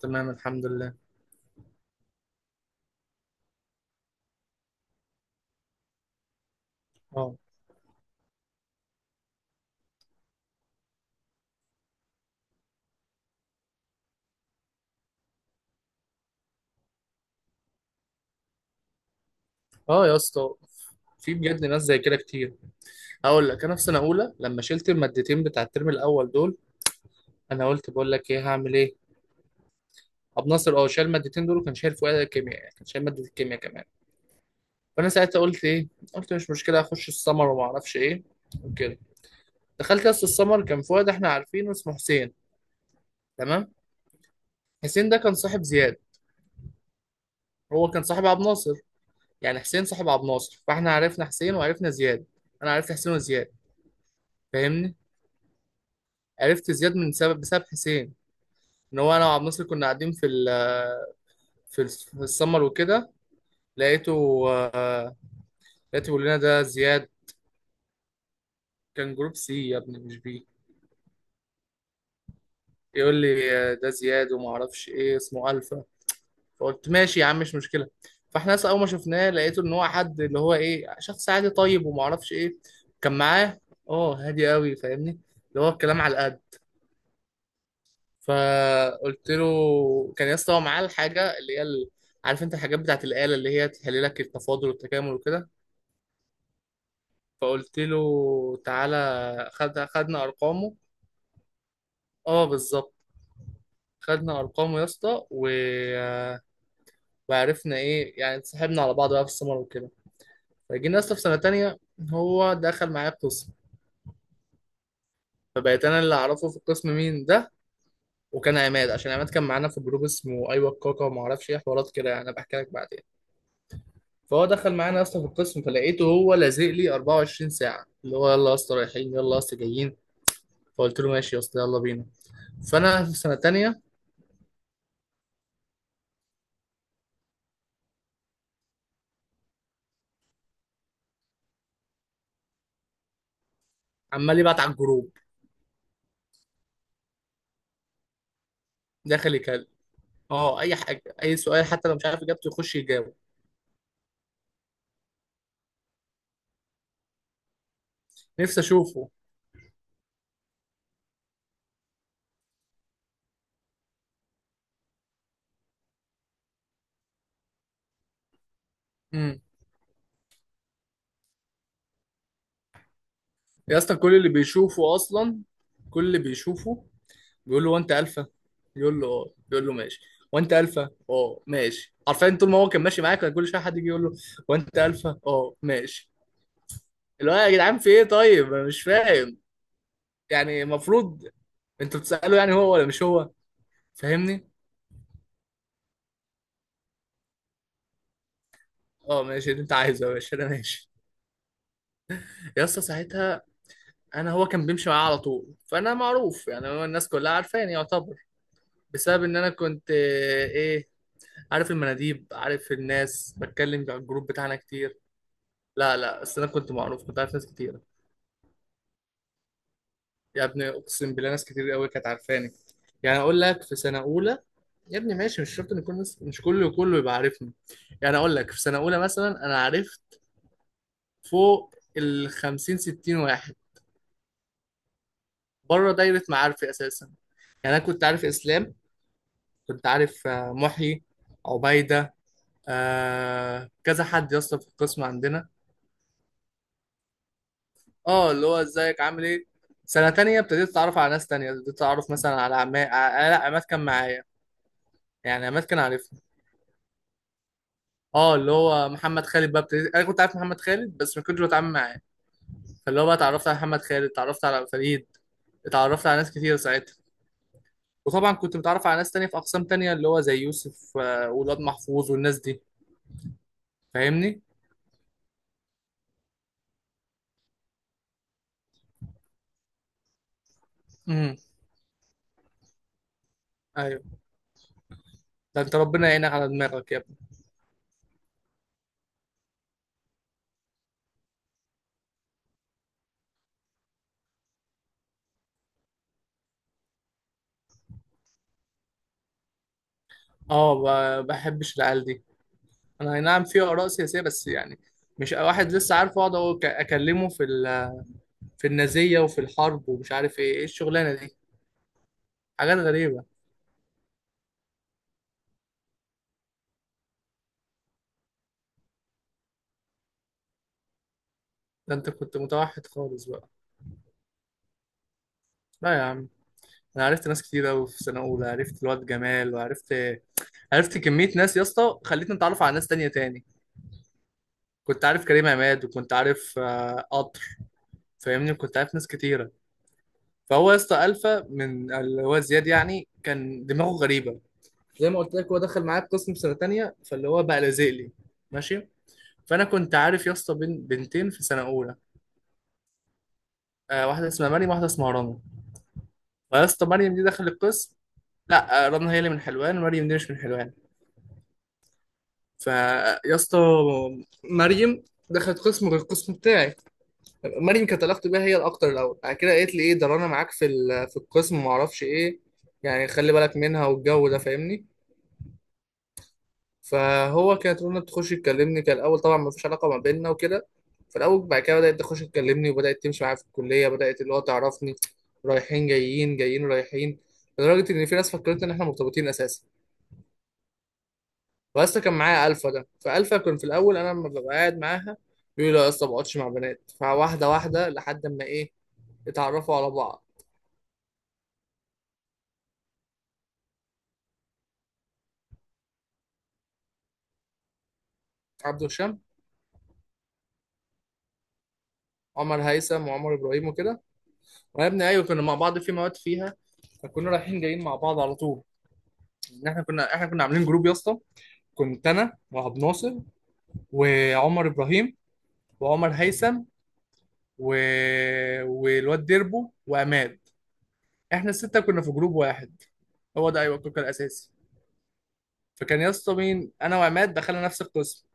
تمام، الحمد لله. اه. اه يا اسطى. في بجد ناس زي كده كتير. هقول لك، انا في سنه اولى لما شلت المادتين بتاع الترم الاول دول، انا قلت بقول لك ايه هعمل ايه. ابو ناصر اه شال المادتين دول، وكان شايل فؤاد الكيمياء، يعني كان شايل ماده الكيمياء كمان. فانا ساعتها قلت ايه، قلت مش مشكله اخش السمر وما اعرفش ايه وكده. دخلت يا اسطى السمر، كان فؤاد احنا عارفينه اسمه حسين. تمام. حسين ده كان صاحب زياد، هو كان صاحب عبد ناصر. يعني حسين صاحب عبد ناصر، فاحنا عرفنا حسين وعرفنا زياد. انا عرفت حسين وزياد. فاهمني؟ عرفت زياد من سبب بسبب حسين، ان هو انا وعبد الناصر كنا قاعدين في السمر وكده، لقيته، آه، لقيته بيقول لنا ده زياد. كان جروب سي يا ابني، مش بي. يقول لي ده زياد وما اعرفش ايه، اسمه الفا. فقلت ماشي يا عم، مش مشكله. فاحنا اصلا اول ما شفناه لقيته ان هو حد اللي هو ايه، شخص عادي طيب وما اعرفش ايه. كان معاه. اه هادي قوي، فاهمني. اللي هو الكلام على القد. فقلت له كان يا اسطى هو معاه الحاجه اللي هي ال-، عارف انت الحاجات بتاعت الاله اللي هي تحلل لك التفاضل والتكامل وكده. فقلت له تعالى خدنا ارقامه. اه بالظبط. خدنا ارقامه يا اسطى، و... وعرفنا ايه، يعني اتصاحبنا على بعض بقى في السمر وكده. فجينا يا اسطى في سنه تانية، هو دخل معايا القسم. فبقيت انا اللي اعرفه في القسم مين ده. وكان عماد، عشان عماد كان معانا في جروب اسمه ايوه الكاكا وما اعرفش ايه حوارات كده، يعني انا بحكي لك بعدين. فهو دخل معانا اصلا في القسم، فلقيته هو لازق لي 24 ساعه، اللي هو يلا يا اسطى رايحين، يلا يا اسطى جايين. فقلت له ماشي يا اسطى يلا بينا. فانا في سنه تانية. عمال يبعت على الجروب، داخل يكلم. اه، اي حاجه، اي سؤال حتى لو مش عارف اجابته يخش يجاوب. نفسي اشوفه. امم. يا اسطى كل اللي بيشوفه اصلا، كل اللي بيشوفه بيقول له وانت الفا، يقول له اه، يقول له ماشي. وانت الفا اه ماشي. عارفين طول ما هو كان ماشي معاك، كان كل شويه حد يجي يقول له وانت الفا اه ماشي. اللي هو يا جدعان في ايه، طيب انا مش فاهم. يعني المفروض انتوا بتسألوا يعني هو ولا مش هو. فاهمني؟ اه ماشي، اللي انت عايزه يا باشا انا ماشي. يا اسطى ساعتها انا، هو كان بيمشي معايا على طول، فانا معروف، يعني هو الناس كلها عارفاني يعتبر. بسبب ان انا كنت ايه، عارف المناديب، عارف الناس بتكلم على الجروب بتاعنا كتير. لا لا، بس انا كنت معروف، كنت عارف ناس كتير. يا ابني اقسم بالله ناس كتير قوي كانت عارفاني. يعني اقول لك في سنه اولى. يا ابني ماشي، مش شرط ان كل الناس، مش كله كله يبقى عارفني. يعني اقول لك في سنه اولى مثلا انا عرفت فوق ال 50 60 واحد بره دايره معارفي اساسا. يعني انا كنت عارف اسلام، كنت عارف محيي، عبيده، آه كذا حد يا اسطى في القسم عندنا. اه اللي هو ازيك عامل ايه. سنه تانية ابتديت اتعرف على ناس تانية، ابتديت اتعرف مثلا على عماد. لا عماد كان معايا، يعني عماد كان عارف. اه اللي هو محمد خالد بقى ابتديت، انا كنت عارف محمد خالد بس ما كنتش بتعامل معاه. فاللي هو بقى اتعرفت على محمد خالد، اتعرفت على فريد، اتعرفت على ناس كتير ساعتها. وطبعا كنت متعرف على ناس تانية في اقسام تانية، اللي هو زي يوسف، والواد محفوظ والناس دي، فاهمني. امم. ايوه. ده انت ربنا يعينك على دماغك يا ابني. اه بحبش العيال دي. انا اي نعم في اراء سياسية بس يعني مش واحد لسه عارف اقعد اكلمه في ال- في النازية وفي الحرب ومش عارف ايه ايه الشغلانة دي. حاجات غريبة. ده انت كنت متوحد خالص بقى. لا يا عم، انا عرفت ناس كتير قوي في سنه اولى، عرفت الواد جمال، وعرفت، عرفت كميه ناس يا اسطى خلتني اتعرف على ناس تانية تاني. كنت عارف كريم عماد، وكنت عارف قطر. فاهمني؟ كنت عارف ناس كتيره. فهو يا اسطى الفا من اللي هو زياد، يعني كان دماغه غريبه. زي ما قلت لك هو دخل معايا القسم في سنه تانية، فاللي هو بقى لازق لي، ماشي. فانا كنت عارف يا اسطى بين بنتين في سنه اولى، واحده اسمها مريم، واحده اسمها رنا. فيا اسطى مريم دي دخلت القسم. لا رنا هي اللي من حلوان، مريم دي مش من حلوان. فيا اسطى مريم دخلت قسم غير القسم بتاعي. مريم كانت علاقتي بيها هي الاكتر الاول. بعد كده قالت لي ايه ده رنا معاك في ال- في القسم وما اعرفش ايه، يعني خلي بالك منها والجو ده، فاهمني. فهو كانت رنا بتخش تكلمني، كان الاول طبعا ما فيش علاقه ما بيننا وكده. في الاول بعد كده بدات تخش تكلمني، وبدات تمشي معايا في الكليه، بدات اللي هو تعرفني، رايحين جايين جايين رايحين، لدرجه ان في ناس فكرت ان احنا مرتبطين اساسا. واسطى كان معايا الفا ده، فالفا كان في الاول انا لما ببقى قاعد معاها بيقول لي لا يا اسطى ما بقعدش مع بنات، فواحده واحده لحد ما ايه، اتعرفوا على بعض. عبد الشام. عمر هيثم وعمر ابراهيم وكده. وانا ابني ايوه كنا مع بعض في مواد فيها، فكنا رايحين جايين مع بعض على طول. ان احنا كنا عاملين جروب يا اسطى. كنت انا وعبد ناصر، وعمر ابراهيم، وعمر هيثم، و...، والواد ديربو وعماد. احنا السته كنا في جروب واحد. هو ده ايوه الكوكا الاساسي. فكان يا اسطى مين، انا وعماد دخلنا نفس القسم،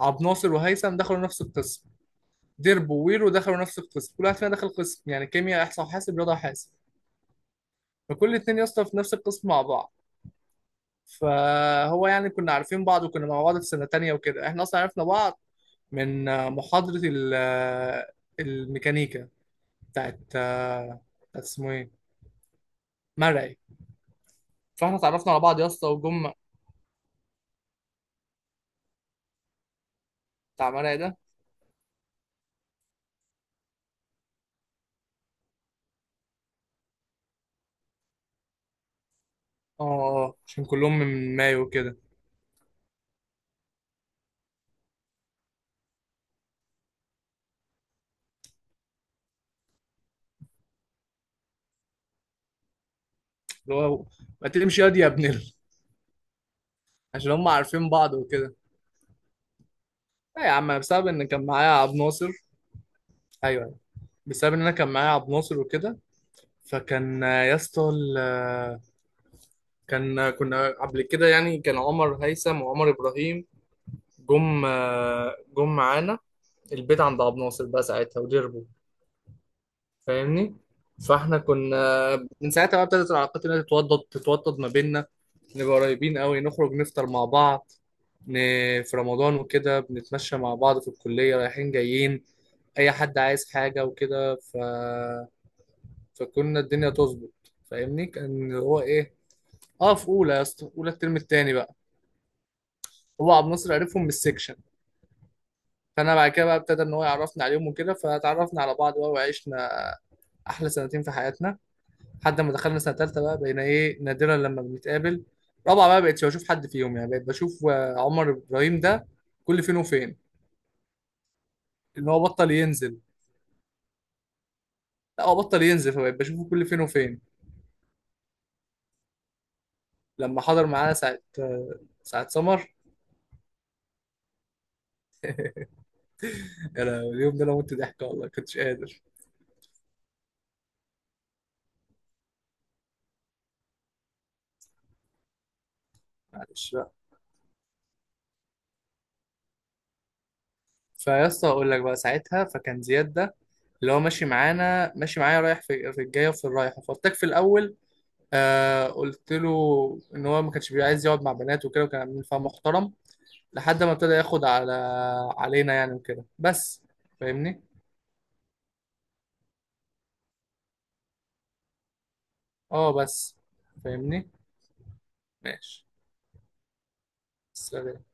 عبد ناصر وهيثم دخلوا نفس القسم، ديربو وويرو دخلوا نفس القسم. كل واحد فينا دخل قسم، يعني كيمياء، احصاء وحاسب، رياضه وحاسب. فكل اتنين يا اسطى في نفس القسم مع بعض. فهو يعني كنا عارفين بعض، وكنا مع بعض في سنه تانية وكده. احنا اصلا عرفنا بعض من محاضره ال- الميكانيكا بتاعت اسمه ايه، مرعي. فاحنا اتعرفنا على بعض يا اسطى وجم. بتاع مرعي ده. اه، عشان كلهم من مايو كده. اللي هو ما تمشي ياض يا ابن. عشان هم عارفين بعض وكده. لا يا عم، بسبب ان كان معايا عبد ناصر. ايوه، أيوة. بسبب ان انا كان معايا عبد ناصر وكده. فكان يا اسطى كان، كنا قبل كده يعني كان عمر هيثم وعمر ابراهيم جم معانا البيت عند عبد ناصر بقى ساعتها ودربوا، فاهمني. فاحنا كنا من ساعتها بقى ابتدت العلاقات اللي هي تتوضد تتوضد ما بيننا، نبقى قريبين قوي، نخرج نفطر مع بعض، ن...، في رمضان وكده بنتمشى مع بعض في الكلية رايحين جايين، اي حد عايز حاجة وكده، ف...، فكنا الدنيا تظبط، فاهمني، كان هو ايه. اه في اولى يا اسطى، اولى الترم التاني بقى. هو عبد الناصر عرفهم من السكشن، فانا بعد كده بقى ابتدى ان هو يعرفني عليهم وكده، فتعرفنا على بعض بقى، وعشنا احلى سنتين في حياتنا، لحد ما دخلنا سنه ثالثه بقى بقينا ايه نادرا لما بنتقابل. رابعه بقى بقيتش بشوف حد فيهم، يعني بقيت بشوف عمر ابراهيم ده كل فين وفين. ان هو بطل ينزل. لا هو بطل ينزل، فبقيت بشوفه كل فين وفين. لما حضر معانا ساعه ساعه سمر. يا لهوي، اليوم ده انا مت ضحك والله كنتش قادر. معلش بقى. فيا اسطى اقول لك بقى ساعتها، فكان زياد ده اللي هو ماشي معانا، ماشي معايا رايح في، في الجايه وفي الرايحه، فارتك في الاول. آه قلت له ان هو ما كانش بيبقى عايز يقعد مع بنات وكده، وكان عاملين فيها محترم، لحد ما ابتدى ياخد على علينا يعني وكده بس. فاهمني. اه بس، فاهمني. ماشي. سلام.